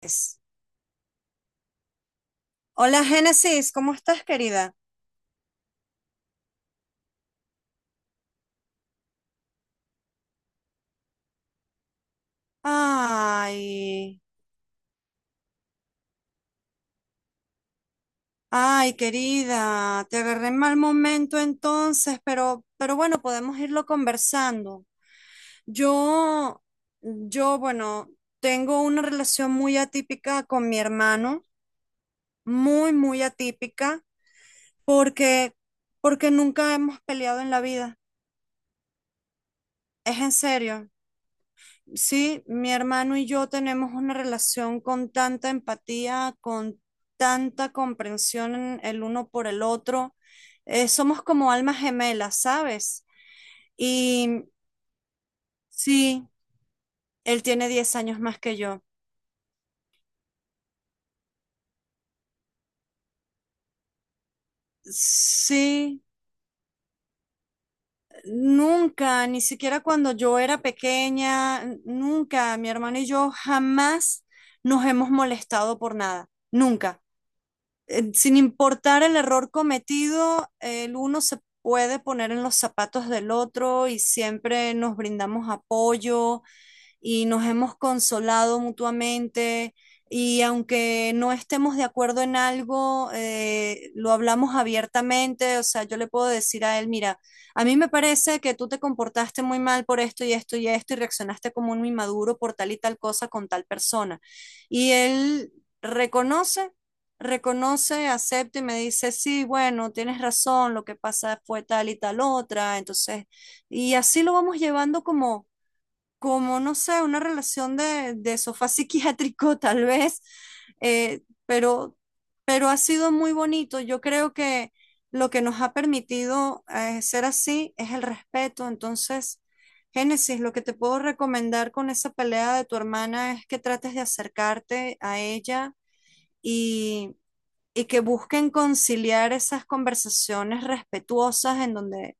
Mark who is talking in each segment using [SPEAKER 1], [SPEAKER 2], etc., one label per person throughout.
[SPEAKER 1] Es. Hola Génesis, ¿cómo estás, querida? Ay, ay, querida, te agarré en mal momento entonces, pero bueno, podemos irlo conversando. Yo, bueno, tengo una relación muy atípica con mi hermano, muy, muy atípica, porque, nunca hemos peleado en la vida. Es en serio. Sí, mi hermano y yo tenemos una relación con tanta empatía, con tanta comprensión el uno por el otro. Somos como almas gemelas, ¿sabes? Y sí, él tiene 10 años más que yo. Sí, nunca, ni siquiera cuando yo era pequeña, nunca, mi hermano y yo jamás nos hemos molestado por nada, nunca. Sin importar el error cometido, el uno se puede poner en los zapatos del otro y siempre nos brindamos apoyo, y nos hemos consolado mutuamente y aunque no estemos de acuerdo en algo, lo hablamos abiertamente, o sea, yo le puedo decir a él, mira, a mí me parece que tú te comportaste muy mal por esto y esto y esto y reaccionaste como un inmaduro por tal y tal cosa con tal persona. Y él reconoce, reconoce, acepta y me dice, sí, bueno, tienes razón, lo que pasa fue tal y tal otra, entonces, y así lo vamos llevando como no sé, una relación de, sofá psiquiátrico tal vez, eh, pero, pero ha sido muy bonito. Yo creo que lo que nos ha permitido ser así es el respeto. Entonces, Génesis, lo que te puedo recomendar con esa pelea de tu hermana es que trates de acercarte a ella y, y que busquen conciliar esas conversaciones respetuosas en donde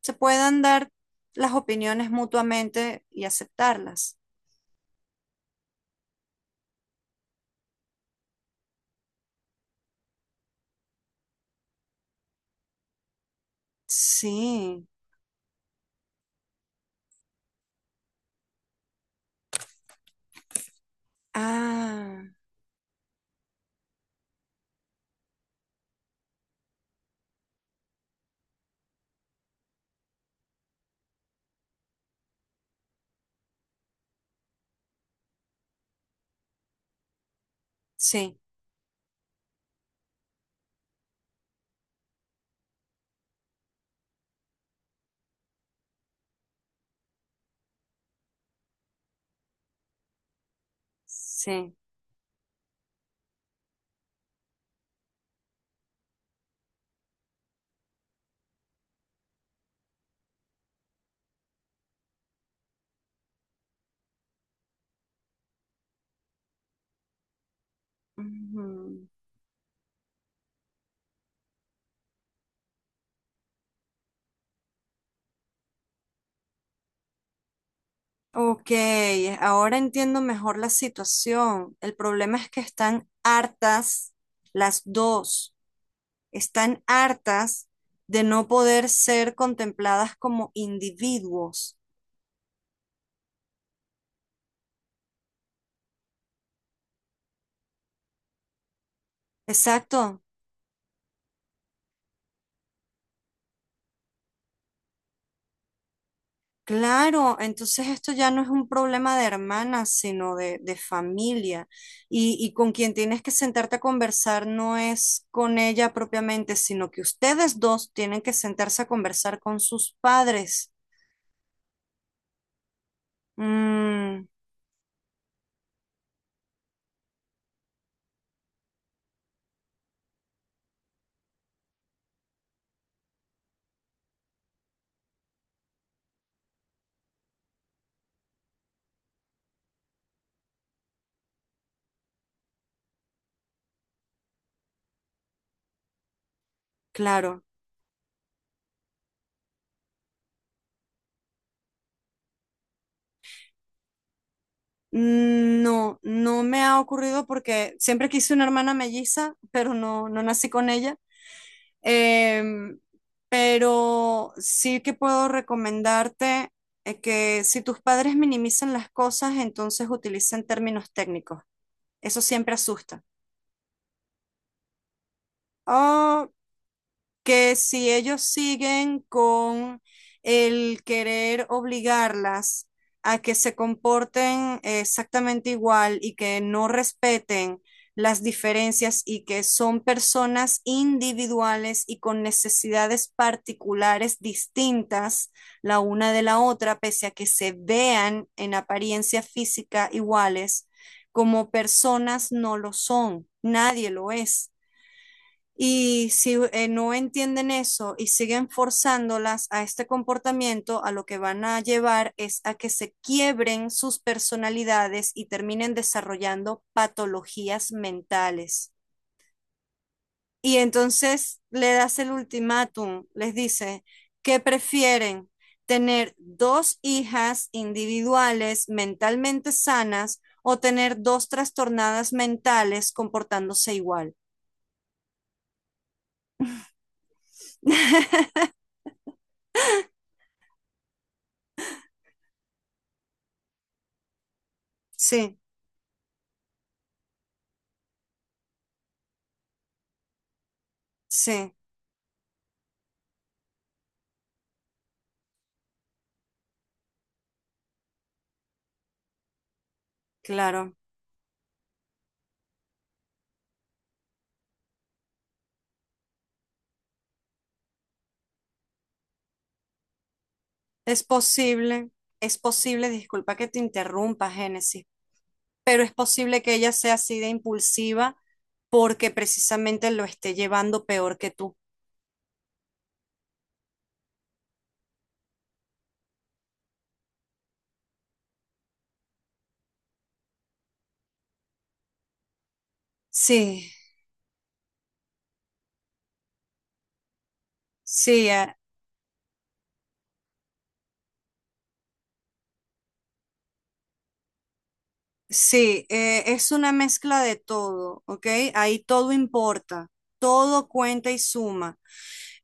[SPEAKER 1] se puedan dar las opiniones mutuamente y aceptarlas. Sí. Ah, sí, sí. Ujú. Ok, ahora entiendo mejor la situación. El problema es que están hartas las dos. Están hartas de no poder ser contempladas como individuos. Exacto. Claro, entonces esto ya no es un problema de hermanas, sino de, familia. Y con quien tienes que sentarte a conversar no es con ella propiamente, sino que ustedes dos tienen que sentarse a conversar con sus padres. Mm, claro. No, no me ha ocurrido porque siempre quise una hermana melliza, pero no, no nací con ella. Em, pero sí que puedo recomendarte que si tus padres minimizan las cosas, entonces utilicen términos técnicos. Eso siempre asusta. Oh, que si ellos siguen con el querer obligarlas a que se comporten exactamente igual y que no respeten las diferencias y que son personas individuales y con necesidades particulares distintas la una de la otra, pese a que se vean en apariencia física iguales, como personas no lo son, nadie lo es. Y si no entienden eso y siguen forzándolas a este comportamiento, a lo que van a llevar es a que se quiebren sus personalidades y terminen desarrollando patologías mentales. Y entonces le das el ultimátum, les dice, ¿qué prefieren? ¿Tener dos hijas individuales mentalmente sanas o tener dos trastornadas mentales comportándose igual? Sí, sí, claro. Es posible, es posible, disculpa que te interrumpa, Génesis, pero es posible que ella sea así de impulsiva porque precisamente lo esté llevando peor que tú. Sí, sí, sí, es una mezcla de todo, ¿ok? Ahí todo importa, todo cuenta y suma.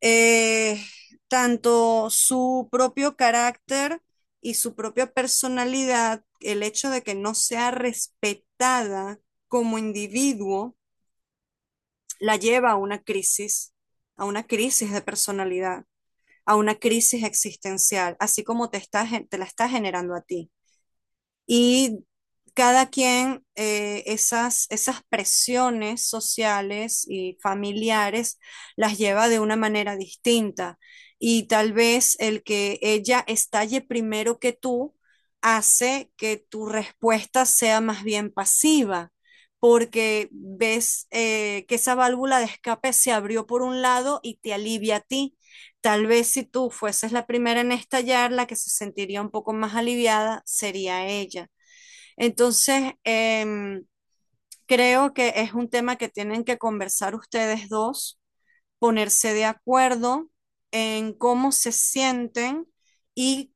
[SPEAKER 1] Eh, Tanto su propio carácter y su propia personalidad, el hecho de que no sea respetada como individuo, la lleva a una crisis de personalidad, a una crisis existencial, así como te está, te la está generando a ti y cada quien esas presiones sociales y familiares las lleva de una manera distinta. Y tal vez el que ella estalle primero que tú hace que tu respuesta sea más bien pasiva, porque ves que esa válvula de escape se abrió por un lado y te alivia a ti. Tal vez si tú fueses la primera en estallar, la que se sentiría un poco más aliviada sería ella. Entonces, creo que es un tema que tienen que conversar ustedes dos, ponerse de acuerdo en cómo se sienten y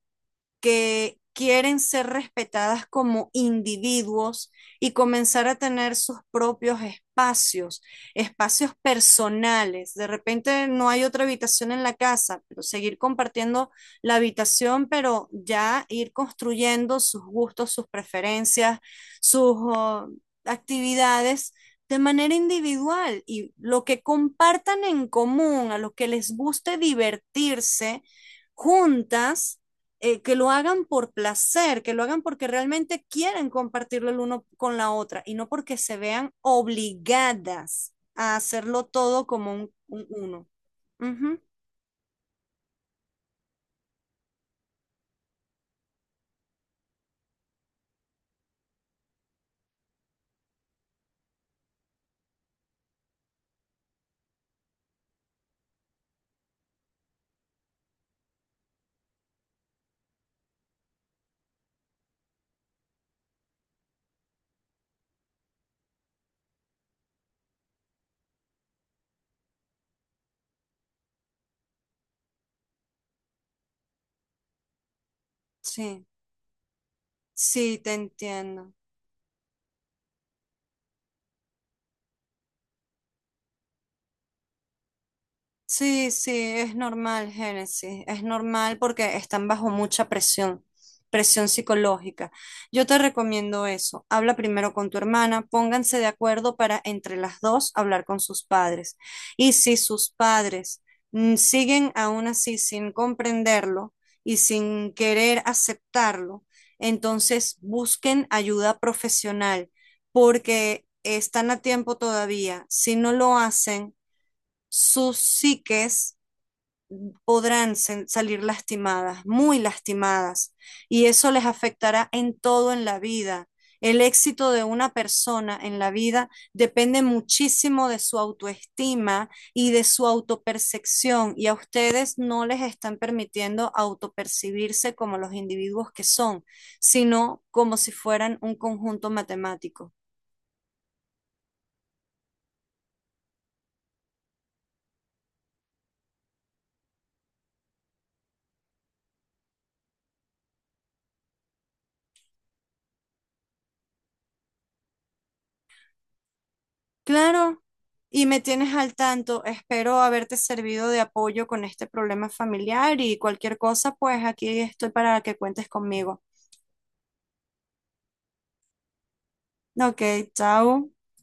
[SPEAKER 1] que quieren ser respetadas como individuos y comenzar a tener sus propios espacios, espacios personales. De repente no hay otra habitación en la casa, pero seguir compartiendo la habitación, pero ya ir construyendo sus gustos, sus preferencias, sus actividades de manera individual y lo que compartan en común, a lo que les guste divertirse juntas que lo hagan por placer, que lo hagan porque realmente quieren compartirlo el uno con la otra y no porque se vean obligadas a hacerlo todo como un uno. Uh -huh. Sí, sí, te entiendo. Sí, sí, es normal, Génesis, es normal porque están bajo mucha presión, presión psicológica. Yo te recomiendo eso. Habla primero con tu hermana, pónganse de acuerdo para entre las dos hablar con sus padres. Y si sus padres siguen aún así sin comprenderlo y sin querer aceptarlo, entonces busquen ayuda profesional porque están a tiempo todavía. Si no lo hacen sus psiques podrán salir lastimadas, muy lastimadas, y eso les afectará en todo en la vida. El éxito de una persona en la vida depende muchísimo de su autoestima y de su autopercepción, y a ustedes no les están permitiendo autopercibirse como los individuos que son, sino como si fueran un conjunto matemático. Claro, y me tienes al tanto. Espero haberte servido de apoyo con este problema familiar y cualquier cosa, pues aquí estoy para que cuentes conmigo. Ok, chao.